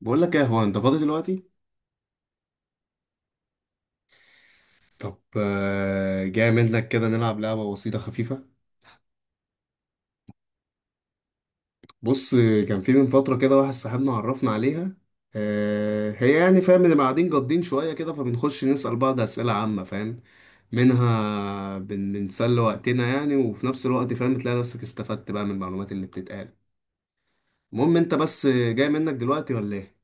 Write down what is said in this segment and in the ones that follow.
بقول لك ايه، هو انت فاضي دلوقتي؟ طب جاي منك كده نلعب لعبة بسيطة خفيفة. بص كان في من فترة كده واحد صاحبنا عرفنا عليها. هي يعني فاهم اللي قاعدين جادين شوية كده، فبنخش نسأل بعض أسئلة عامة، فاهم. منها بنسلي وقتنا يعني، وفي نفس الوقت فاهم تلاقي نفسك استفدت بقى من المعلومات اللي بتتقال. المهم انت بس جاي منك دلوقتي ولا ايه؟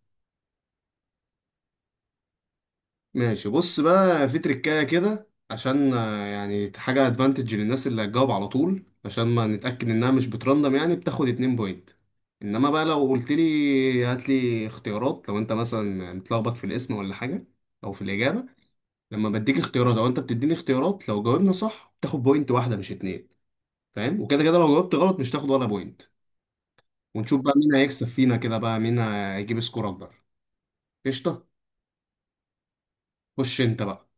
ماشي. بص بقى في تريكاية كده، عشان يعني حاجة ادفانتج للناس اللي هتجاوب على طول، عشان ما نتأكد انها مش بترندم، يعني بتاخد اتنين بوينت. انما بقى لو قلت لي هات لي اختيارات، لو انت مثلا متلخبط في الاسم ولا حاجة او في الإجابة، لما بديك اختيارات او انت بتديني اختيارات، لو جاوبنا صح بتاخد بوينت واحدة مش اتنين، فاهم. وكده كده لو جاوبت غلط مش تاخد ولا بوينت. ونشوف بقى مين هيكسب فينا كده، بقى مين هيجيب سكور اكبر. قشطة. خش انت بقى،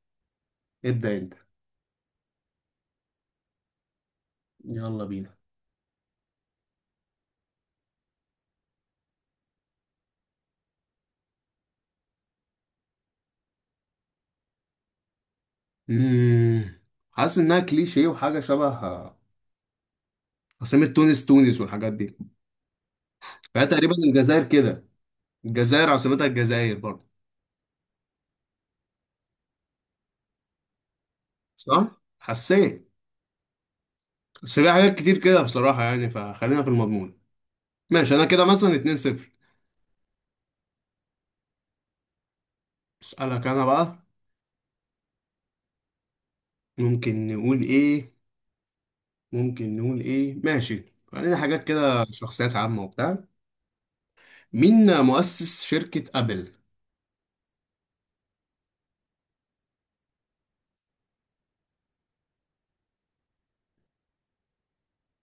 ابدأ انت. يلا بينا. مم. حاسس انها كليشيه وحاجه شبه، عاصمه تونس تونس والحاجات دي، فهي تقريبا الجزائر كده. الجزائر عاصمتها الجزائر برضه. صح حسيت. بس في حاجات كتير كده بصراحه يعني، فخلينا في المضمون. ماشي، انا كده مثلا 2-0. اسالك انا بقى. ممكن نقول ايه؟ ممكن نقول ايه، ماشي، خلينا حاجات كده، شخصيات عامه وبتاع. مين مؤسس شركه ابل؟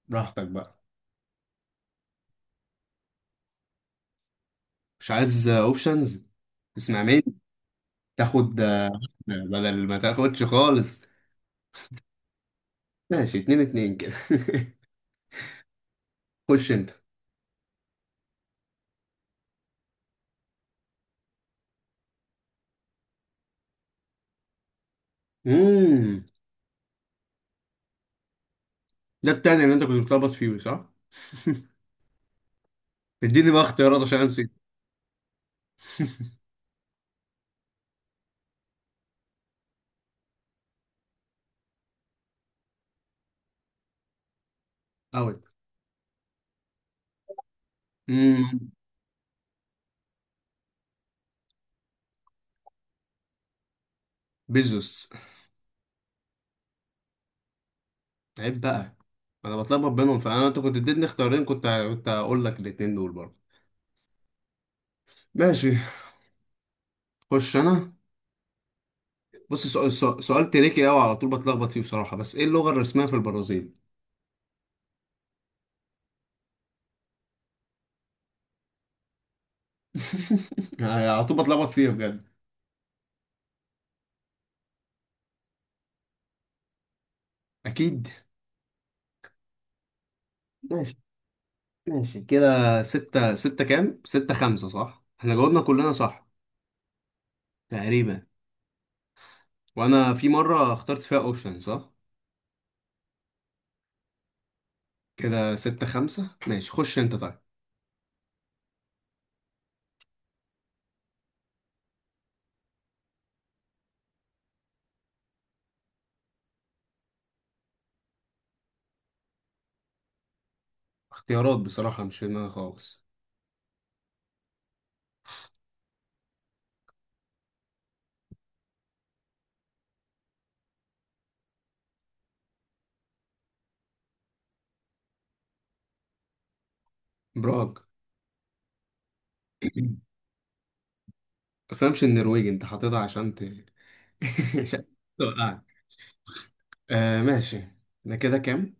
براحتك بقى. مش عايز اوبشنز؟ تسمع، تاخد بدل ما تاخدش خالص. ماشي، اتنين اتنين كده. خش انت. امم ده التاني اللي انت كنت بتلخبط فيه، صح؟ اديني بقى اختيارات عشان انسى. اوت. امم بيزوس. عيب بقى. انا بتلخبط بينهم، فانا انت كنت اديتني اختيارين، كنت هقول لك الاتنين دول برضه. ماشي، خش انا. بص، سؤال تريكي قوي، على طول بتلخبط فيه بصراحة، بس ايه اللغة الرسمية في البرازيل؟ على طول بتلخبط فيها بجد. اكيد. ماشي، ماشي كده ستة ستة كام؟ ستة خمسة، صح؟ احنا جاوبنا كلنا صح تقريبا. وأنا في مرة اخترت فيها أوبشن، صح؟ كده ستة خمسة. ماشي، خش أنت طيب. اختيارات بصراحة مش في دماغي خالص. براغ. بس أنا مش النرويج أنت حاططها عشان عشان توقعني. آه، ماشي. احنا كده كام؟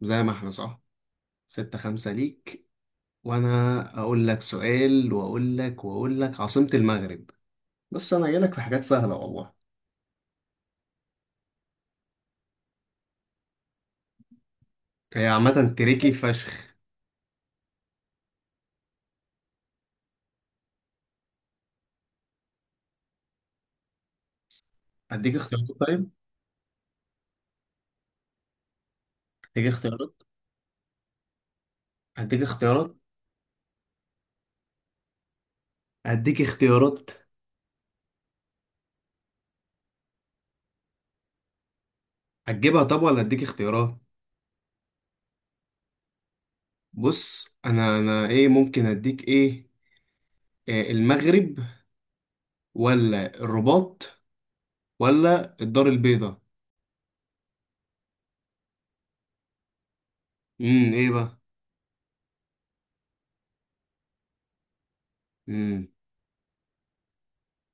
زي ما احنا، صح؟ ستة خمسة ليك. وأنا أقول لك سؤال وأقول لك عاصمة المغرب. بس أنا جايلك في حاجات سهلة والله. هي عامة تريكي فشخ. هديك اختيارات طيب. هديك اختيارات. هديك اختيارات. هديك اختيارات. هتجيبها طب ولا هديك اختيارات؟ بص، انا ايه، ممكن اديك ايه. المغرب، ولا الرباط، ولا الدار البيضاء؟ ايه بقى. امم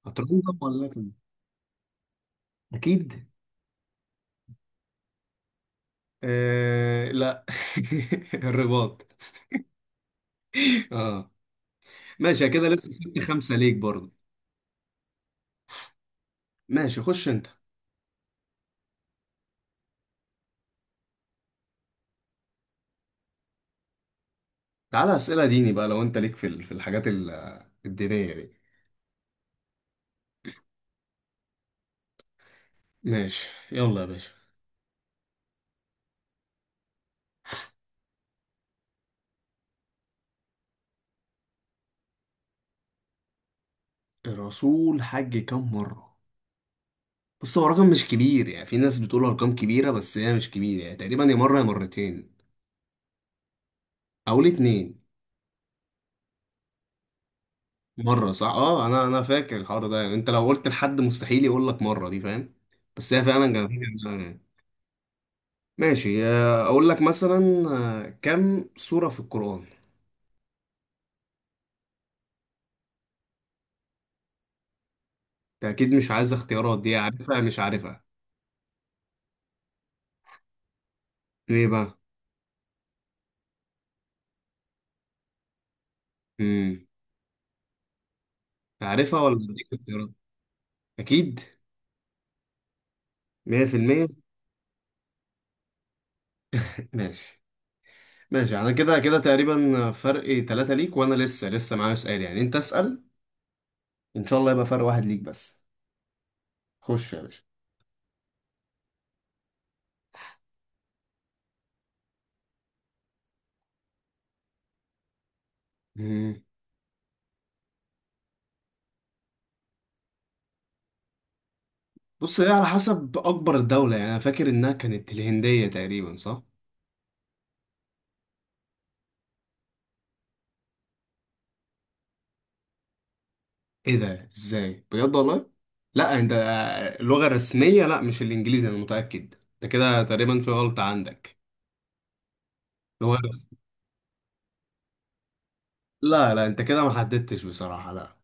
هتردم طب ولا لأ؟ اكيد. آه، لا. الرباط. اه، ماشي كده لسه ستة خمسة ليك برضه. ماشي خش انت. تعالى اسئلة ديني بقى، لو انت ليك في في الحاجات الدينية دي. ماشي يلا يا باشا. الرسول حج كام مرة؟ بص هو رقم مش كبير يعني، في ناس بتقول ارقام كبيرة بس هي مش كبيرة، يعني تقريبا يا مرة يا مرتين او الاتنين. مرة، صح. اه، انا فاكر الحوار ده، يعني انت لو قلت لحد مستحيل يقول لك مرة دي، فاهم. بس هي فعلا كانت كده. ماشي، اقول لك مثلا كم سورة في القرآن؟ انت اكيد مش عايز اختيارات. دي عارفها مش عارفها ليه بقى. امم عارفها ولا بديك اختيارات؟ اكيد. 100%. ماشي، ماشي. انا كده كده تقريبا فرق ثلاثة ليك، وانا لسه لسه معايا سؤال يعني، انت اسأل، ان شاء الله يبقى فرق واحد ليك بس. خش يا باشا. مم. بص هي على حسب اكبر دولة، يعني انا فاكر انها كانت الهندية تقريبا، صح؟ ايه ده، ازاي بجد والله. لا، انت اللغة الرسمية، لا مش الانجليزي، انا متأكد. انت كده تقريبا في غلطة عندك. اللغة الرسمية. لا لا، انت كده ما حددتش بصراحة، لا.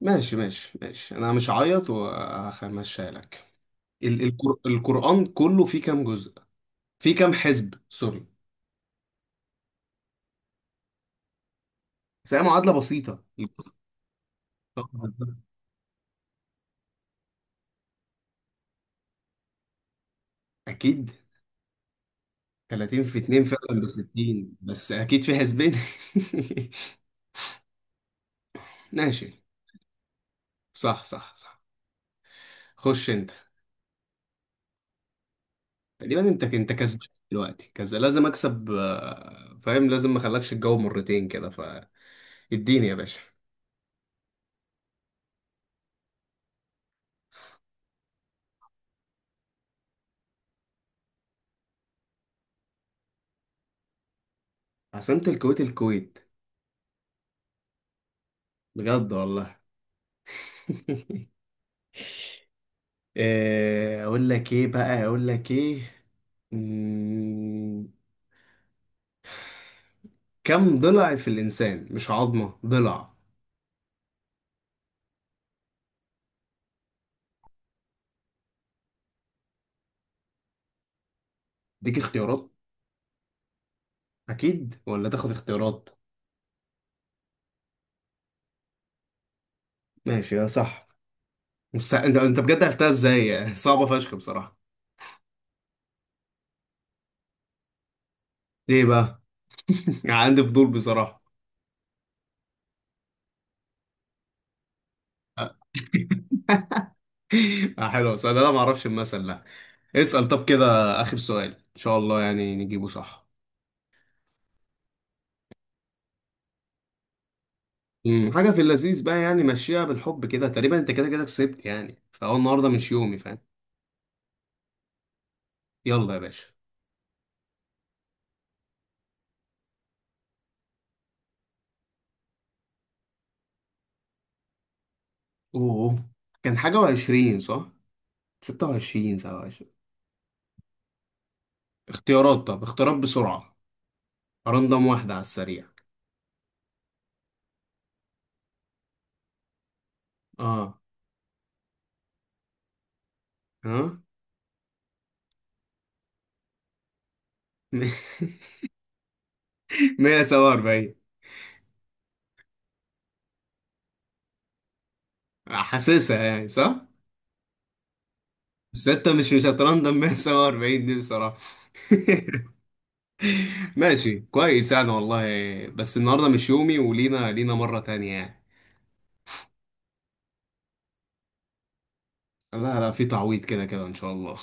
ماشي ماشي ماشي، انا مش هعيط وهمشيها لك. القرآن كله فيه كام جزء؟ فيه كام حزب، سوري. بس هي معادلة بسيطة. طبعاً ده. أكيد 30 في 2 فعلا ب 60، بس أكيد في حزبين. ماشي، صح صح صح. خش أنت. تقريبا أنت كسبان دلوقتي كذا، لازم أكسب فاهم، لازم ما أخلكش الجو مرتين كده. فاديني يا باشا. عاصمة الكويت الكويت، بجد والله. اقول لك ايه بقى، اقول لك ايه، مم، كم ضلع في الانسان، مش عظمة ضلع؟ ديك اختيارات اكيد، ولا تاخد اختيارات؟ ماشي يا صح. بس انت بجد عرفتها ازاي؟ صعبة فشخ بصراحة. ليه بقى؟ عندي فضول بصراحة. حلو بس انا ما اعرفش المثل ده. اسأل طب كده اخر سؤال، ان شاء الله يعني نجيبه صح. حاجة في اللذيذ بقى يعني، مشيها بالحب كده، تقريبا انت كده كده كسبت يعني، فهو النهارده مش يومي، فاهم. يلا يا باشا. اوه. كان حاجة وعشرين، صح؟ 26، 27. اختيارات طب، اختيارات بسرعة، رندم واحدة على السريع. اه. ها. 147. حاسسها يعني، صح؟ بس انت مش هترندم 147 دي بصراحة. ماشي كويس يعني والله. بس النهاردة مش يومي، ولينا مرة تانية يعني. لا لا، في تعويض كده كده إن شاء الله.